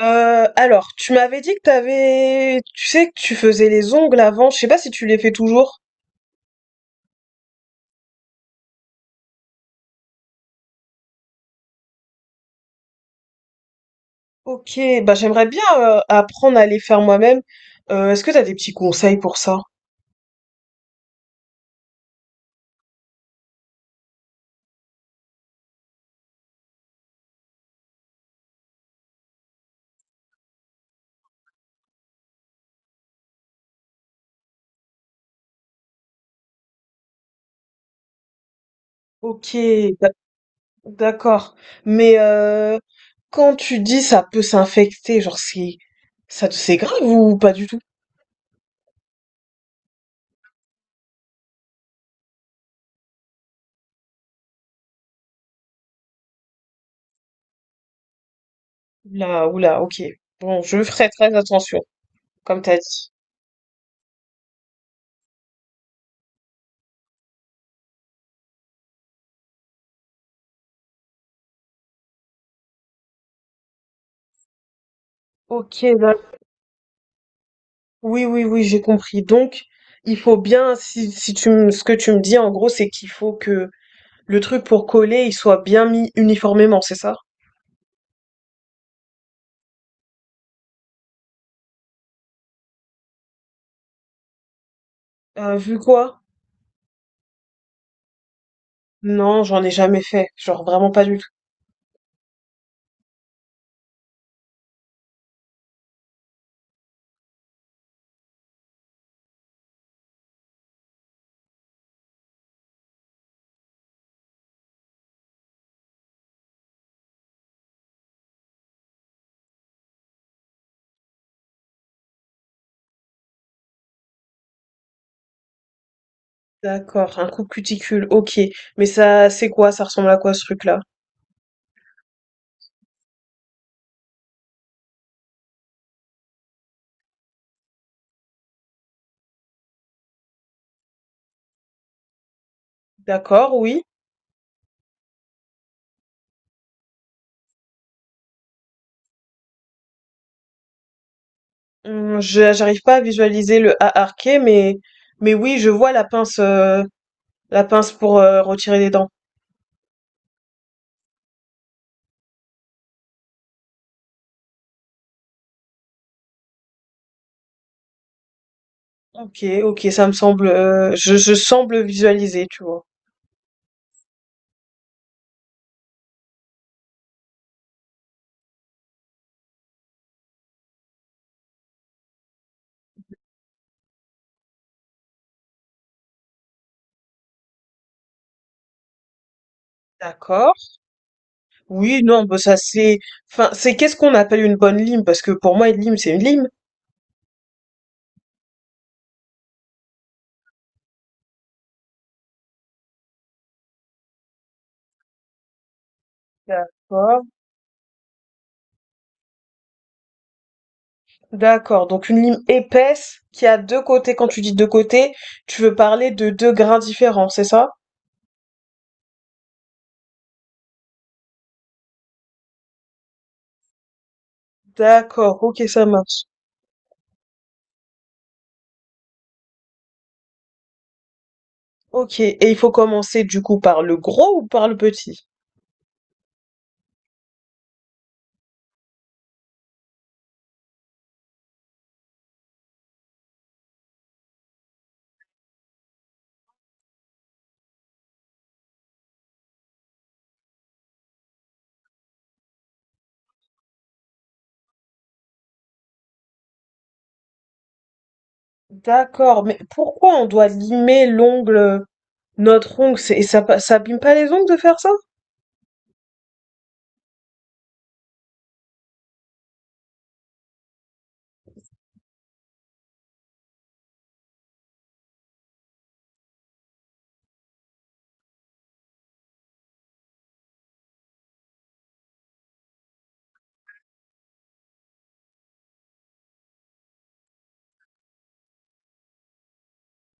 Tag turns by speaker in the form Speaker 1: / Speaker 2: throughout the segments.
Speaker 1: Tu m'avais dit que tu sais que tu faisais les ongles avant. Je sais pas si tu les fais toujours. Ok, bah j'aimerais bien apprendre à les faire moi-même. Est-ce que t'as des petits conseils pour ça? Ok, d'ac- d'accord. Mais quand tu dis ça peut s'infecter, genre ça c'est grave ou pas du tout? Là, oula, oula, ok. Bon, je ferai très attention, comme t'as dit. Ok. Oui, oui, oui, j'ai compris. Donc, il faut bien, si tu me, ce que tu me dis, en gros, c'est qu'il faut que le truc pour coller, il soit bien mis uniformément, c'est ça? Vu quoi? Non, j'en ai jamais fait. Genre, vraiment pas du tout. D'accord, un coup de cuticule, ok. Mais ça, c'est quoi? Ça ressemble à quoi ce truc-là? D'accord, oui. J'arrive pas à visualiser le A arqué, mais oui, je vois la pince, la pince pour, retirer les dents. OK, OK, ça me semble, je semble visualiser, tu vois? D'accord. Oui, non, bah, ça c'est enfin, c'est qu'est-ce qu'on appelle une bonne lime? Parce que pour moi, une lime, c'est une lime. D'accord, d'accord, donc une lime épaisse qui a 2 côtés. Quand tu dis 2 côtés, tu veux parler de 2 grains différents, c'est ça? D'accord, ok, ça marche. Ok, et il faut commencer du coup par le gros ou par le petit? D'accord, mais pourquoi on doit limer l'ongle, notre ongle, et ça, ça abîme pas les ongles de faire ça?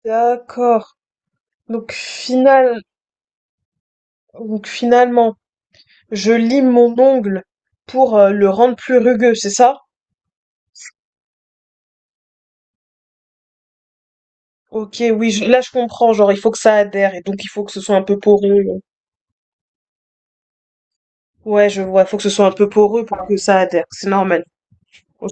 Speaker 1: D'accord. Donc final, donc finalement, je lime mon ongle pour le rendre plus rugueux, c'est ça? Ok, oui, là je comprends, genre il faut que ça adhère et donc il faut que ce soit un peu poreux. Ouais, je vois, faut que ce soit un peu poreux pour que ça adhère, c'est normal. Ok.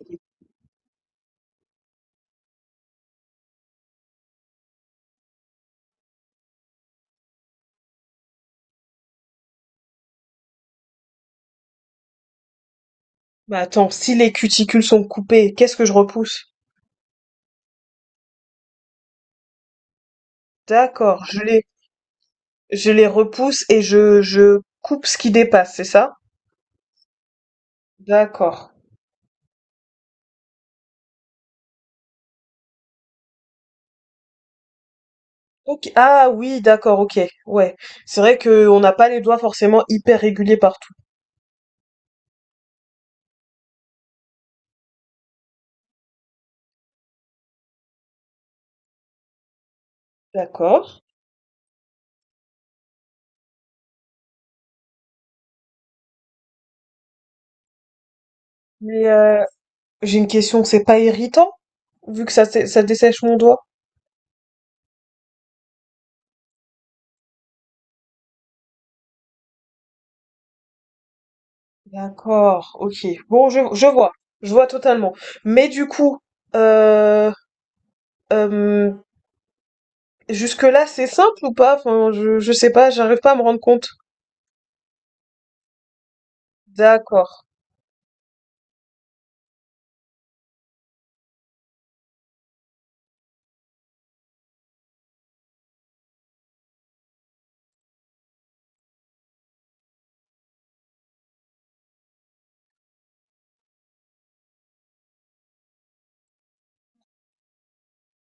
Speaker 1: Bah attends, si les cuticules sont coupées, qu'est-ce que je repousse? D'accord, je les repousse et je coupe ce qui dépasse, c'est ça? D'accord. Ok. Ah oui, d'accord, ok. Ouais. C'est vrai que on n'a pas les doigts forcément hyper réguliers partout. D'accord. Mais j'ai une question, c'est pas irritant? Vu que ça, ça dessèche mon doigt? D'accord, ok. Bon, je vois totalement. Mais du coup, euh, euh, jusque-là, c'est simple ou pas? Enfin, je sais pas, j'arrive pas à me rendre compte. D'accord.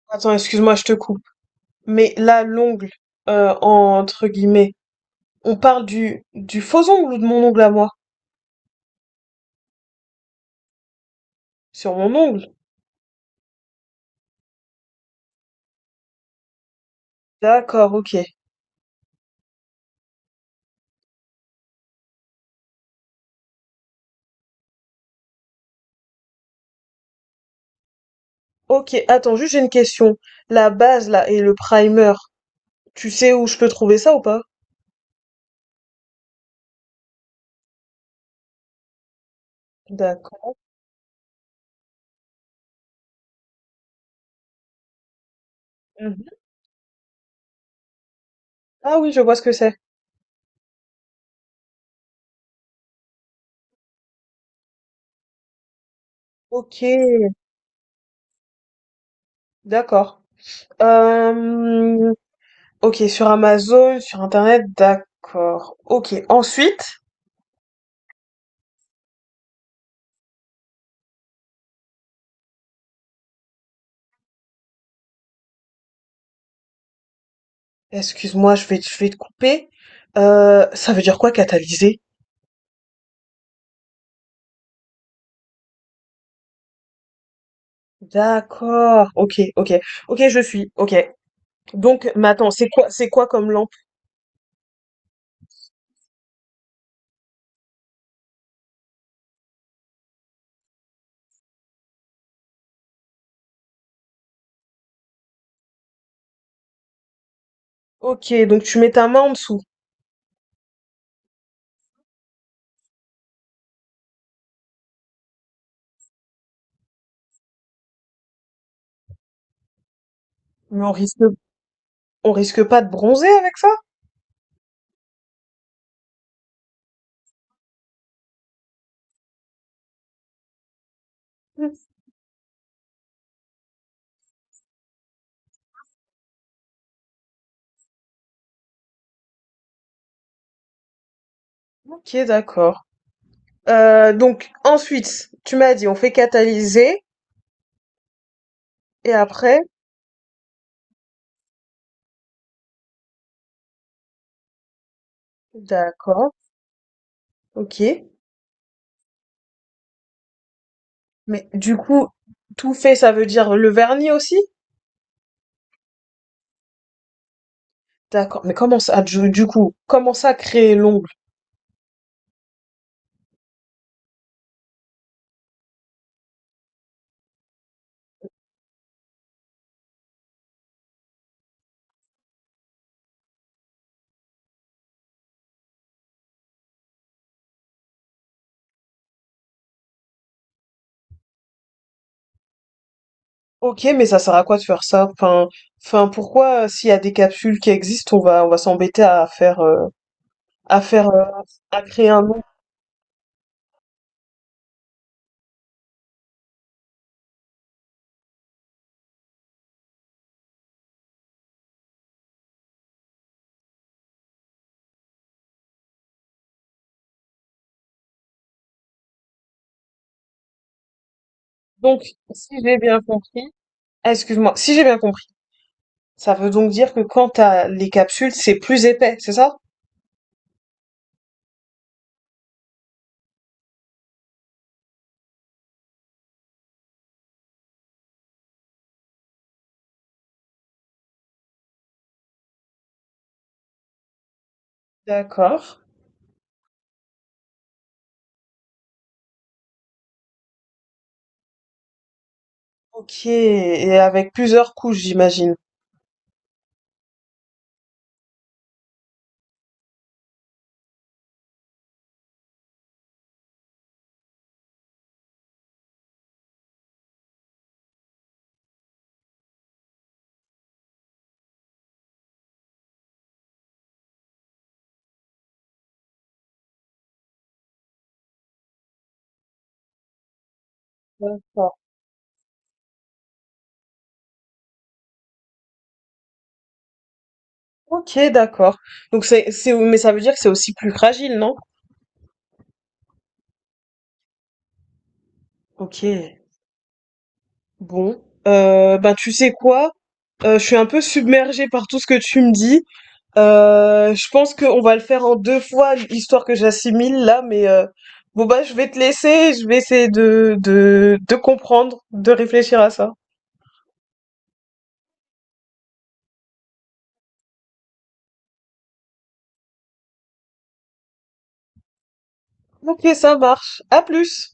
Speaker 1: Attends, excuse-moi, je te coupe. Mais là, l'ongle, entre guillemets, on parle du faux ongle ou de mon ongle à moi? Sur mon ongle? D'accord, ok. Ok, attends, juste j'ai une question. La base, là, et le primer, tu sais où je peux trouver ça ou pas? D'accord. Mhm. Ah oui, je vois ce que c'est. Ok, d'accord. Euh, ok, sur Amazon, sur Internet, d'accord. Ok, ensuite, excuse-moi, je vais te couper. Ça veut dire quoi catalyser? D'accord, ok, ok. Ok, je suis, ok. Donc, mais attends, c'est quoi comme lampe? Ok, donc tu mets ta main en dessous. Mais on risque pas de bronzer avec ça? Ok, d'accord. Donc ensuite, tu m'as dit on fait catalyser et après, d'accord, ok. Mais du coup, tout fait, ça veut dire le vernis aussi? D'accord. Mais comment ça, du coup, comment ça créer l'ongle? OK, mais ça sert à quoi de faire ça? Enfin, enfin, pourquoi, s'il y a des capsules qui existent, on va s'embêter à faire, à faire, à créer un nom. Donc, si j'ai bien compris, ah, excuse-moi, si j'ai bien compris, ça veut donc dire que quand t'as les capsules, c'est plus épais, c'est ça? D'accord. OK et avec plusieurs couches, j'imagine? D'accord. OK, d'accord. Donc c'est mais ça veut dire que c'est aussi plus fragile, non? OK. Bon, bah tu sais quoi? Je suis un peu submergée par tout ce que tu me dis. Je pense qu'on va le faire en deux fois, histoire que j'assimile là, mais bon bah je vais te laisser, je vais essayer de comprendre, de réfléchir à ça. Ok, ça marche. À plus.